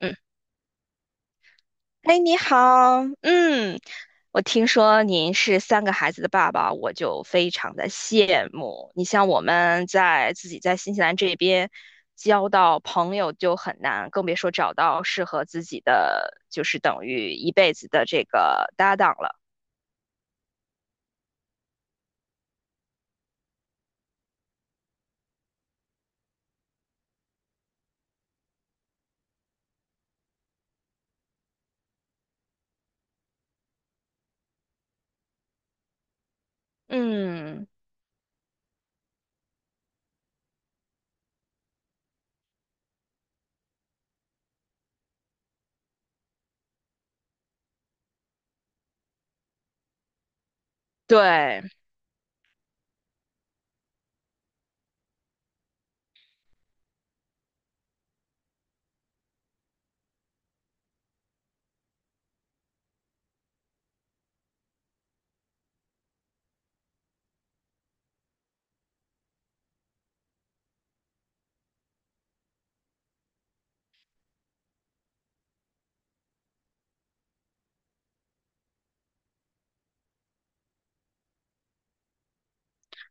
嗯，哎，你好，我听说您是三个孩子的爸爸，我就非常的羡慕。你像我们在自己在新西兰这边交到朋友就很难，更别说找到适合自己的，就是等于一辈子的这个搭档了。嗯，对，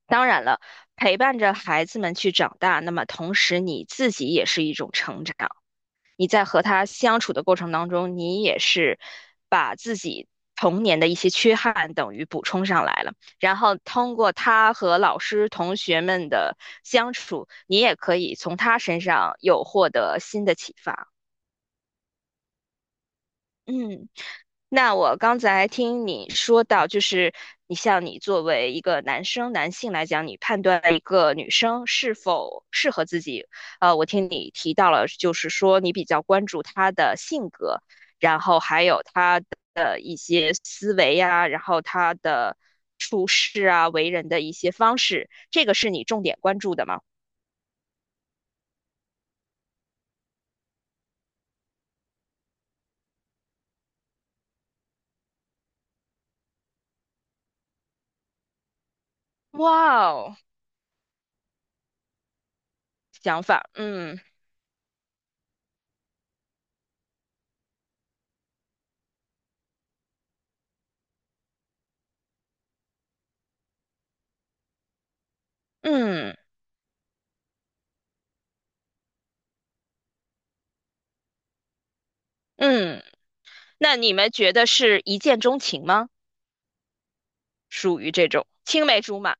当然了，陪伴着孩子们去长大，那么同时你自己也是一种成长。你在和他相处的过程当中，你也是把自己童年的一些缺憾等于补充上来了，然后通过他和老师、同学们的相处，你也可以从他身上有获得新的启发。嗯，那我刚才听你说到，就是你像你作为一个男生、男性来讲，你判断一个女生是否适合自己，我听你提到了，就是说你比较关注她的性格，然后还有她的一些思维呀，然后她的处事啊、为人的一些方式，这个是你重点关注的吗？哇哦，想法，嗯嗯嗯，那你们觉得是一见钟情吗？属于这种青梅竹马。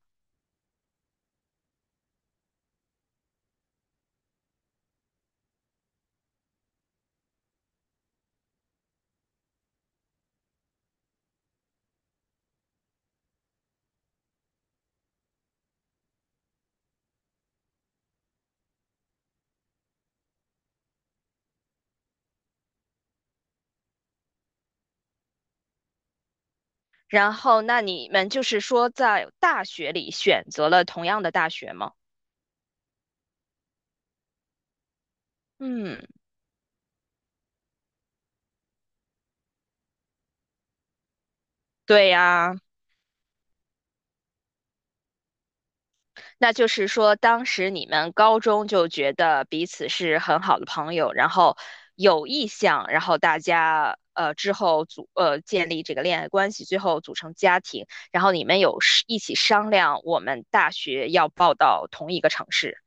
然后，那你们就是说在大学里选择了同样的大学吗？嗯，对呀，那就是说当时你们高中就觉得彼此是很好的朋友，然后有意向，然后大家之后建立这个恋爱关系，最后组成家庭，然后你们有是一起商量我们大学要报到同一个城市，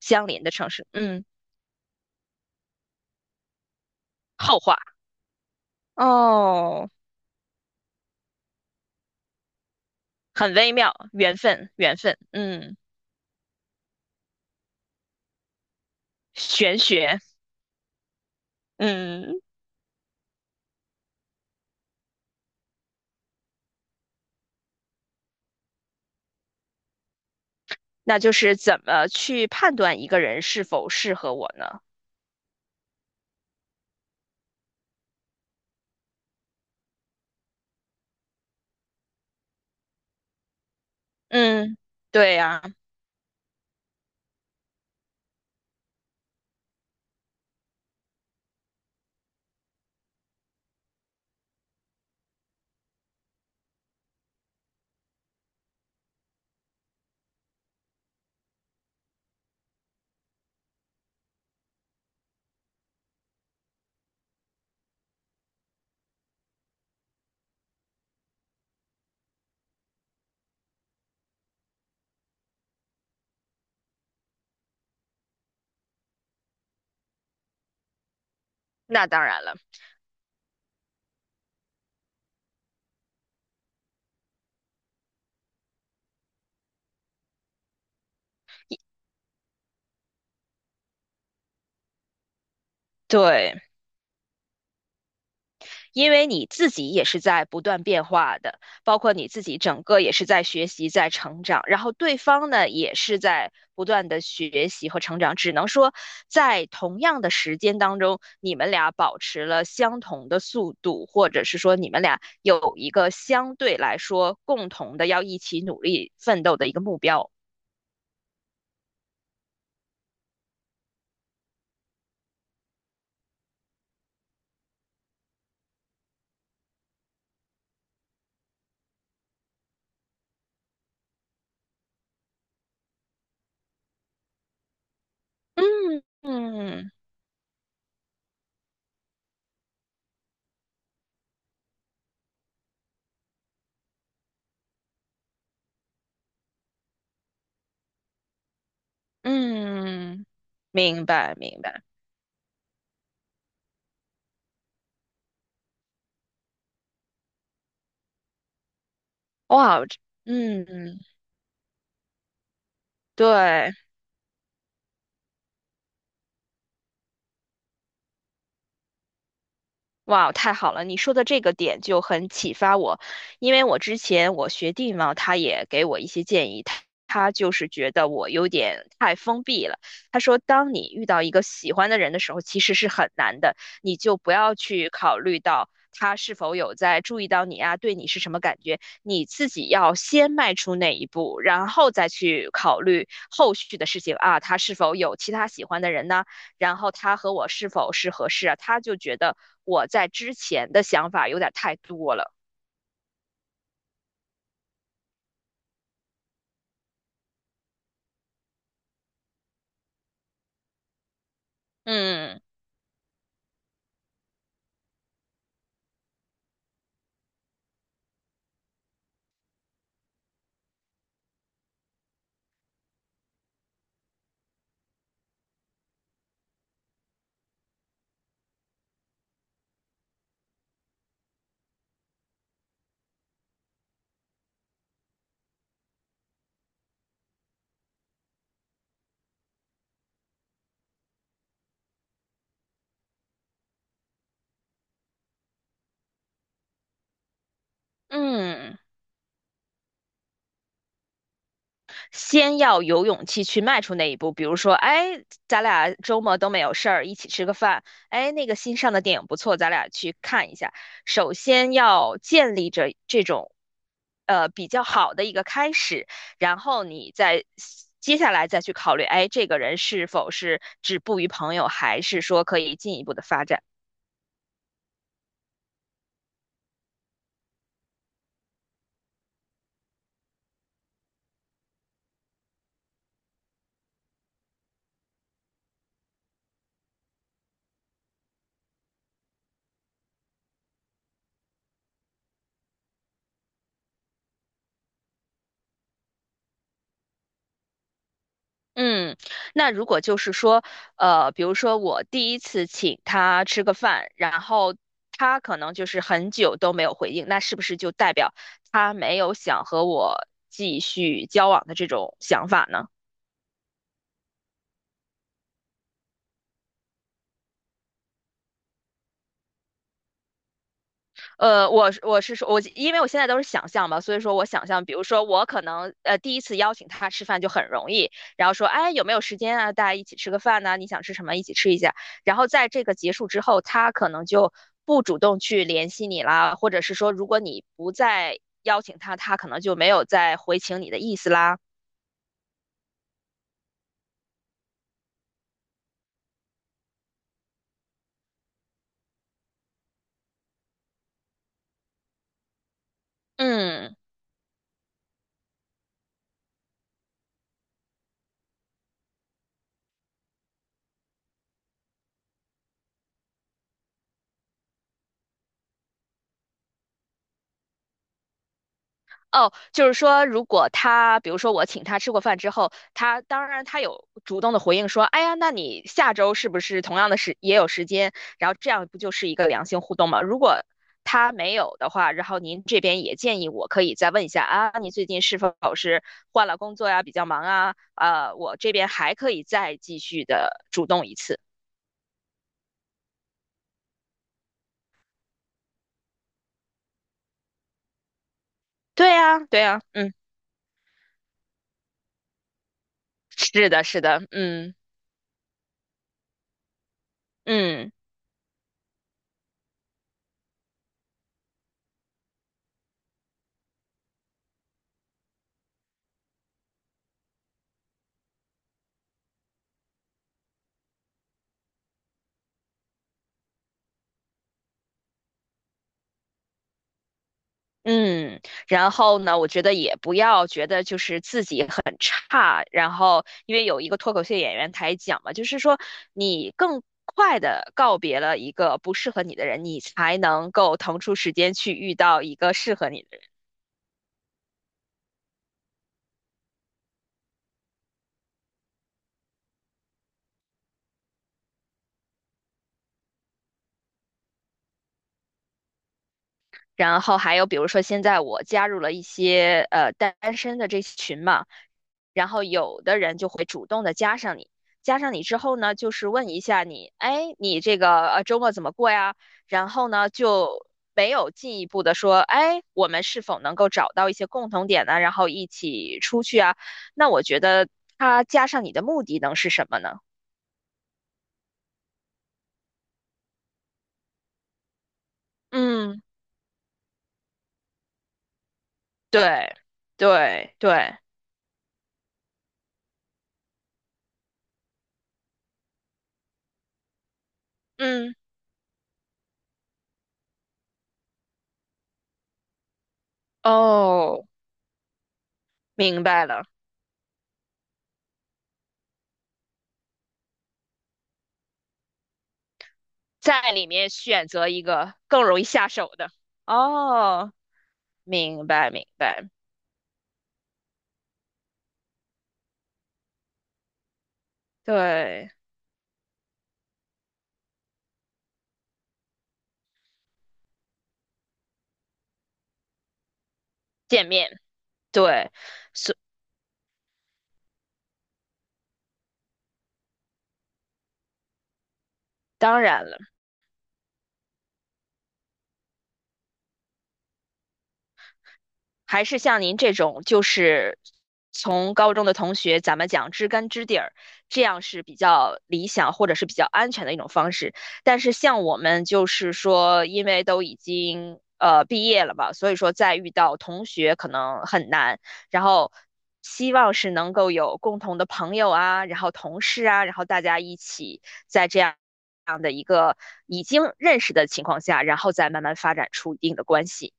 相邻的城市。嗯，后话哦。很微妙，缘分，缘分，嗯，玄学，嗯，那就是怎么去判断一个人是否适合我呢？嗯，对呀，那当然了，对。因为你自己也是在不断变化的，包括你自己整个也是在学习、在成长，然后对方呢也是在不断的学习和成长。只能说，在同样的时间当中，你们俩保持了相同的速度，或者是说你们俩有一个相对来说共同的要一起努力奋斗的一个目标。嗯嗯嗯，明白明白。哇，嗯，对。哇，太好了！你说的这个点就很启发我，因为我之前我学弟嘛，他也给我一些建议，他就是觉得我有点太封闭了。他说，当你遇到一个喜欢的人的时候，其实是很难的，你就不要去考虑到他是否有在注意到你啊，对你是什么感觉，你自己要先迈出那一步，然后再去考虑后续的事情啊，他是否有其他喜欢的人呢？然后他和我是否是合适啊？他就觉得我在之前的想法有点太多了。嗯嗯，先要有勇气去迈出那一步。比如说，哎，咱俩周末都没有事儿，一起吃个饭。哎，那个新上的电影不错，咱俩去看一下。首先要建立着这种，比较好的一个开始，然后你再。接下来再去考虑，哎，这个人是否是止步于朋友，还是说可以进一步的发展？嗯，那如果就是说，比如说我第一次请他吃个饭，然后他可能就是很久都没有回应，那是不是就代表他没有想和我继续交往的这种想法呢？呃，我是说，我因为我现在都是想象嘛，所以说我想象，比如说我可能第一次邀请他吃饭就很容易，然后说哎有没有时间啊，大家一起吃个饭呐、你想吃什么一起吃一下，然后在这个结束之后，他可能就不主动去联系你啦，或者是说如果你不再邀请他，他可能就没有再回请你的意思啦，嗯。哦，就是说，如果他，比如说我请他吃过饭之后，他当然他有主动的回应说，哎呀，那你下周是不是同样的时也有时间？然后这样不就是一个良性互动吗？如果他没有的话，然后您这边也建议我可以再问一下啊，你最近是否是换了工作呀，比较忙啊？啊，我这边还可以再继续的主动一次。对呀，对呀，嗯，是的，是的，嗯嗯。嗯，然后呢，我觉得也不要觉得就是自己很差，然后因为有一个脱口秀演员台讲嘛，就是说你更快的告别了一个不适合你的人，你才能够腾出时间去遇到一个适合你的然后还有比如说现在我加入了一些单身的这群嘛，然后有的人就会主动的加上你，加上你之后呢，就是问一下你，哎，你这个周末怎么过呀？然后呢就没有进一步的说，哎，我们是否能够找到一些共同点呢？然后一起出去啊？那我觉得他加上你的目的能是什么呢？嗯，对对对，嗯，哦，明白了。在里面选择一个更容易下手的。哦，明白明白，对，见面，对，所当然了。还是像您这种，就是从高中的同学，咱们讲知根知底儿，这样是比较理想或者是比较安全的一种方式。但是像我们就是说，因为都已经毕业了吧，所以说再遇到同学可能很难。然后希望是能够有共同的朋友啊，然后同事啊，然后大家一起在这样的一个已经认识的情况下，然后再慢慢发展出一定的关系，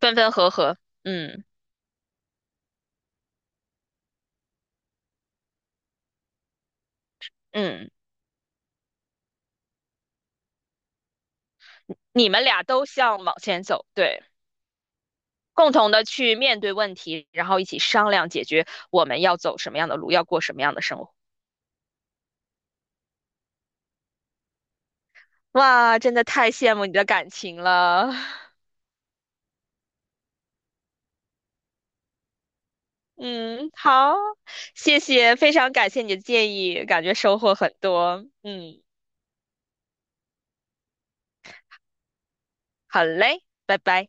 分分合合，嗯。嗯，你们俩都向往前走，对，共同的去面对问题，然后一起商量解决我们要走什么样的路，要过什么样的生活。哇，真的太羡慕你的感情了。嗯，好，谢谢，非常感谢你的建议，感觉收获很多。嗯，好嘞，拜拜。